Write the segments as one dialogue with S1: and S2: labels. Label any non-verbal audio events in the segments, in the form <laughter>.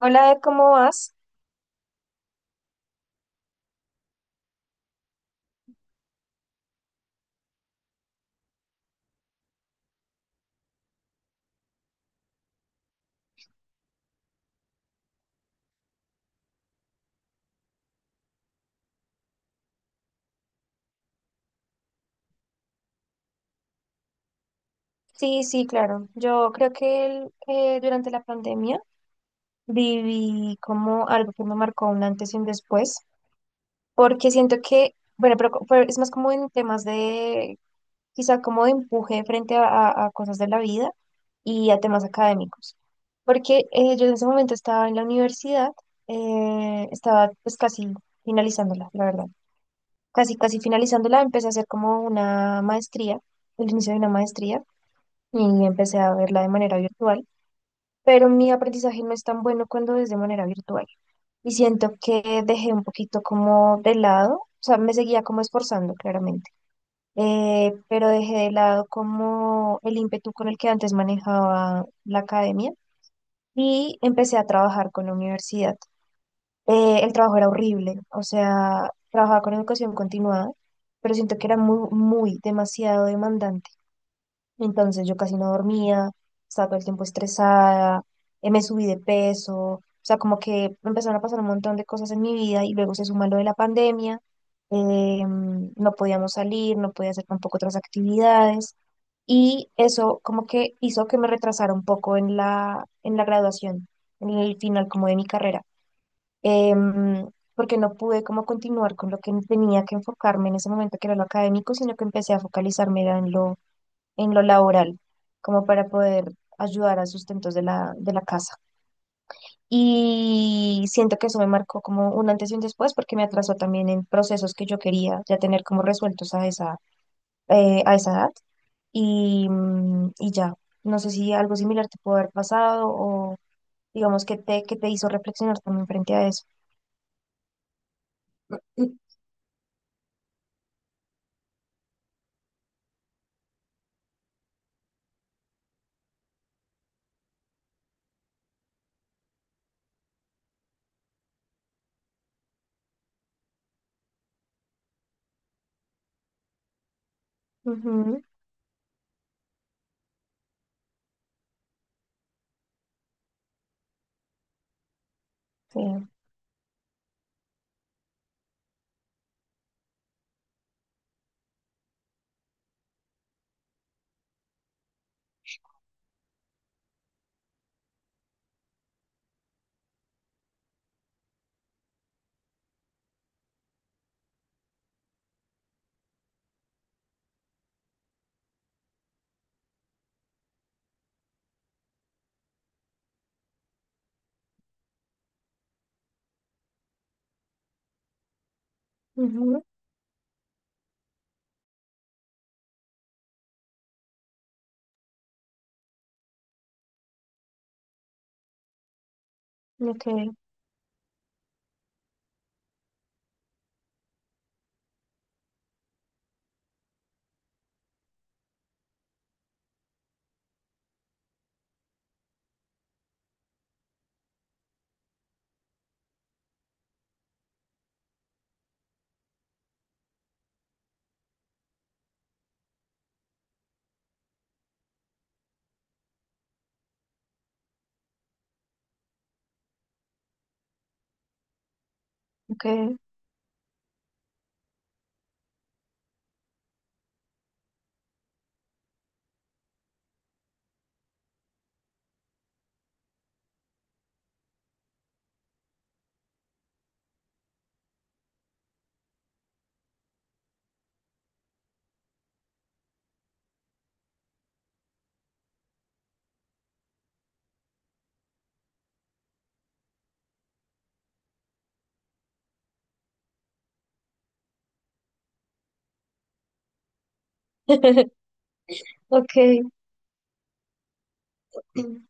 S1: Hola, Ed, ¿cómo vas? Sí, sí, claro. Yo creo que durante la pandemia viví como algo que me marcó un antes y un después, porque siento que, bueno, pero, pero es más como en temas de, quizá como de empuje frente a, a cosas de la vida y a temas académicos, porque yo en ese momento estaba en la universidad, estaba pues casi finalizándola, la verdad. Casi, casi finalizándola, empecé a hacer como una maestría, el inicio de una maestría y empecé a verla de manera virtual, pero mi aprendizaje no es tan bueno cuando es de manera virtual. Y siento que dejé un poquito como de lado, o sea, me seguía como esforzando claramente, pero dejé de lado como el ímpetu con el que antes manejaba la academia y empecé a trabajar con la universidad. El trabajo era horrible, o sea, trabajaba con educación continuada, pero siento que era muy demasiado demandante. Entonces yo casi no dormía, estaba todo el tiempo estresada, me subí de peso, o sea, como que empezaron a pasar un montón de cosas en mi vida y luego se suma lo de la pandemia, no podíamos salir, no podía hacer tampoco otras actividades y eso como que hizo que me retrasara un poco en la graduación, en el final como de mi carrera, em, porque no pude como continuar con lo que tenía que enfocarme en ese momento que era lo académico, sino que empecé a focalizarme era en lo laboral, como para poder ayudar a sustentos de la casa. Y siento que eso me marcó como un antes y un después porque me atrasó también en procesos que yo quería ya tener como resueltos a esa edad. Y ya, no sé si algo similar te pudo haber pasado o digamos que te hizo reflexionar también frente a eso. Ujú, sí, ujú, ok, ok, <laughs> ok, <clears throat>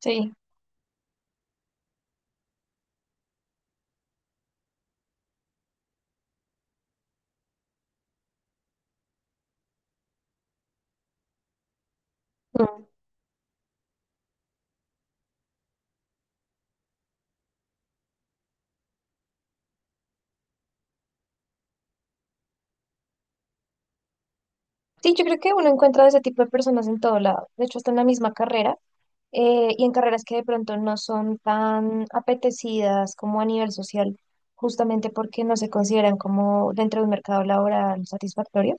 S1: sí. Sí, yo creo que uno encuentra de ese tipo de personas en todo lado, de hecho hasta en la misma carrera, y en carreras que de pronto no son tan apetecidas como a nivel social, justamente porque no se consideran como dentro de un mercado laboral satisfactorio,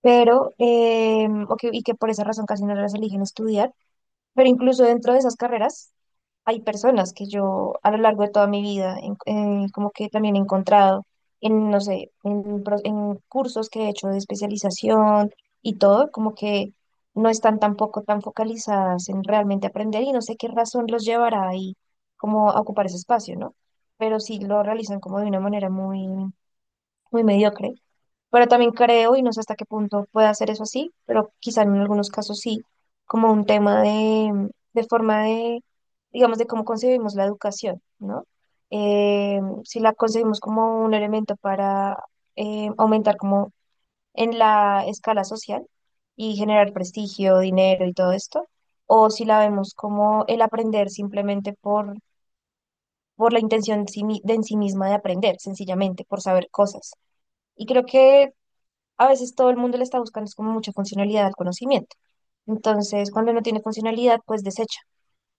S1: pero, y que por esa razón casi no las eligen estudiar, pero incluso dentro de esas carreras hay personas que yo a lo largo de toda mi vida como que también he encontrado en, no sé, en cursos que he hecho de especialización y todo, como que no están tampoco tan focalizadas en realmente aprender y no sé qué razón los llevará ahí como a ocupar ese espacio, ¿no? Pero sí lo realizan como de una manera muy mediocre, pero también creo, y no sé hasta qué punto puede hacer eso así, pero quizá en algunos casos sí, como un tema de forma de, digamos, de cómo concebimos la educación, ¿no? Si la concebimos como un elemento para aumentar como en la escala social y generar prestigio, dinero y todo esto, o si la vemos como el aprender simplemente por la intención en sí de en sí misma de aprender, sencillamente, por saber cosas. Y creo que a veces todo el mundo le está buscando es como mucha funcionalidad al conocimiento. Entonces, cuando no tiene funcionalidad, pues desecha.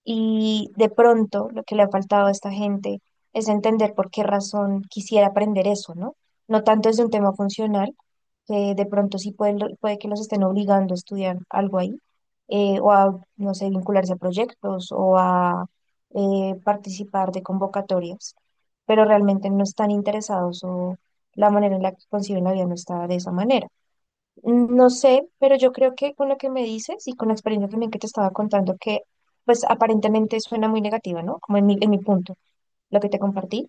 S1: Y de pronto lo que le ha faltado a esta gente es entender por qué razón quisiera aprender eso, ¿no? No tanto es de un tema funcional, que de pronto sí puede, puede que los estén obligando a estudiar algo ahí, o a, no sé, vincularse a proyectos o a participar de convocatorias, pero realmente no están interesados o la manera en la que conciben la vida no está de esa manera. No sé, pero yo creo que con lo que me dices y con la experiencia también que te estaba contando, que pues aparentemente suena muy negativa, ¿no? Como en mi punto, lo que te compartí.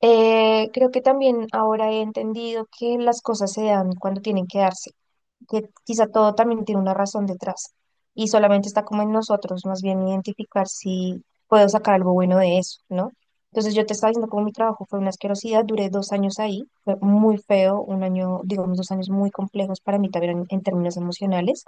S1: Creo que también ahora he entendido que las cosas se dan cuando tienen que darse, que quizá todo también tiene una razón detrás y solamente está como en nosotros, más bien identificar si puedo sacar algo bueno de eso, ¿no? Entonces yo te estaba diciendo como mi trabajo fue una asquerosidad, duré dos años ahí, fue muy feo, un año, digamos, dos años muy complejos para mí también en términos emocionales,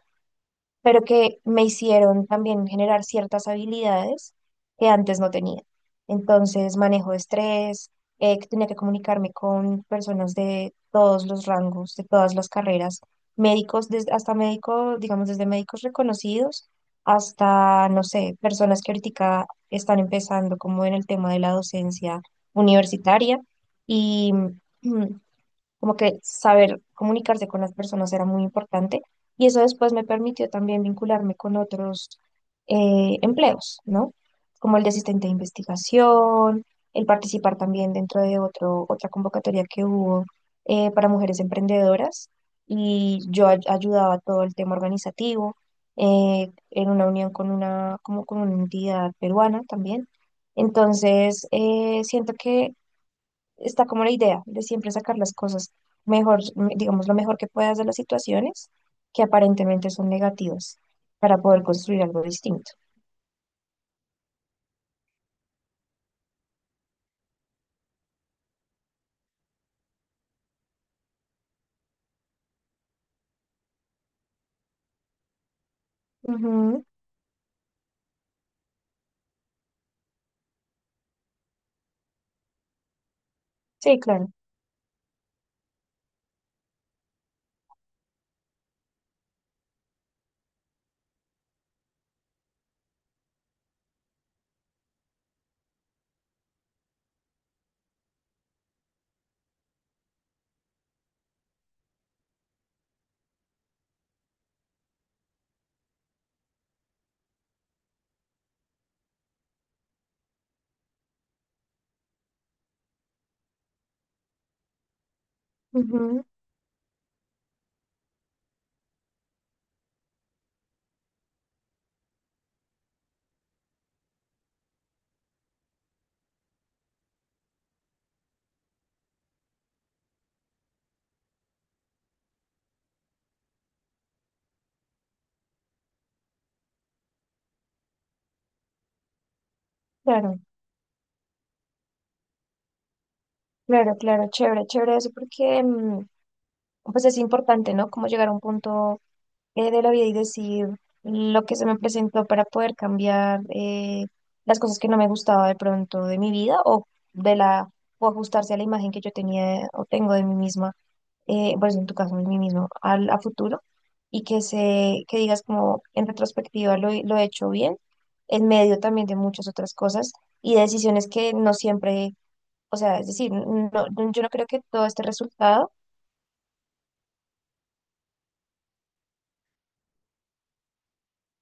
S1: pero que me hicieron también generar ciertas habilidades que antes no tenía. Entonces, manejo de estrés, que tenía que comunicarme con personas de todos los rangos, de todas las carreras, médicos, desde, hasta médicos, digamos, desde médicos reconocidos hasta, no sé, personas que ahorita están empezando como en el tema de la docencia universitaria. Y <clears throat> como que saber comunicarse con las personas era muy importante y eso después me permitió también vincularme con otros empleos, ¿no? Como el de asistente de investigación, el participar también dentro de otro, otra convocatoria que hubo para mujeres emprendedoras y yo ayudaba a todo el tema organizativo en una unión con una, como con una entidad peruana también. Entonces, siento que está como la idea de siempre sacar las cosas mejor, digamos, lo mejor que puedas de las situaciones que aparentemente son negativas para poder construir algo distinto. Ujú, sí, claro, ujú. Claro, claro, claro, chévere, chévere eso porque mm, pues es importante, ¿no? Como llegar a un punto de la vida y decir lo que se me presentó para poder cambiar, las cosas que no me gustaba de pronto de mi vida o de la o ajustarse a la imagen que yo tenía o tengo de mí misma, pues en tu caso, en mí mismo, al, a futuro, y que se, que digas como en retrospectiva lo, lo he hecho bien, en medio también de muchas otras cosas y decisiones que no siempre, o sea, es decir, yo no creo que todo este resultado,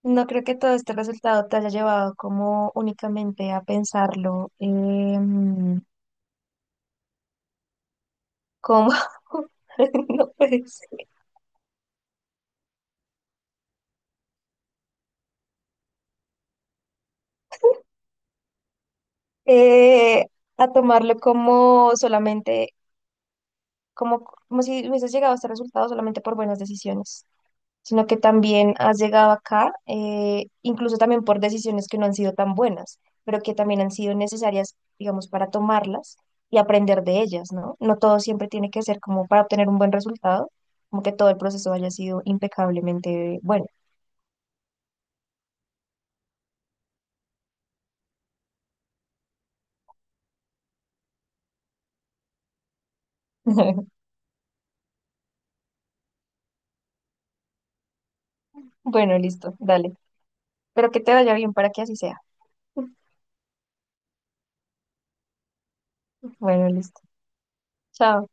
S1: no creo que todo este resultado te haya llevado como únicamente a pensarlo como, <laughs> no puedes, eh, a tomarlo como solamente, como, como si hubieses llegado a este resultado solamente por buenas decisiones, sino que también has llegado acá, incluso también por decisiones que no han sido tan buenas, pero que también han sido necesarias, digamos, para tomarlas y aprender de ellas, ¿no? No todo siempre tiene que ser como para obtener un buen resultado, como que todo el proceso haya sido impecablemente bueno. <laughs> Bueno, listo, dale. Pero que te vaya bien para que así sea. <laughs> Bueno, listo. Chao.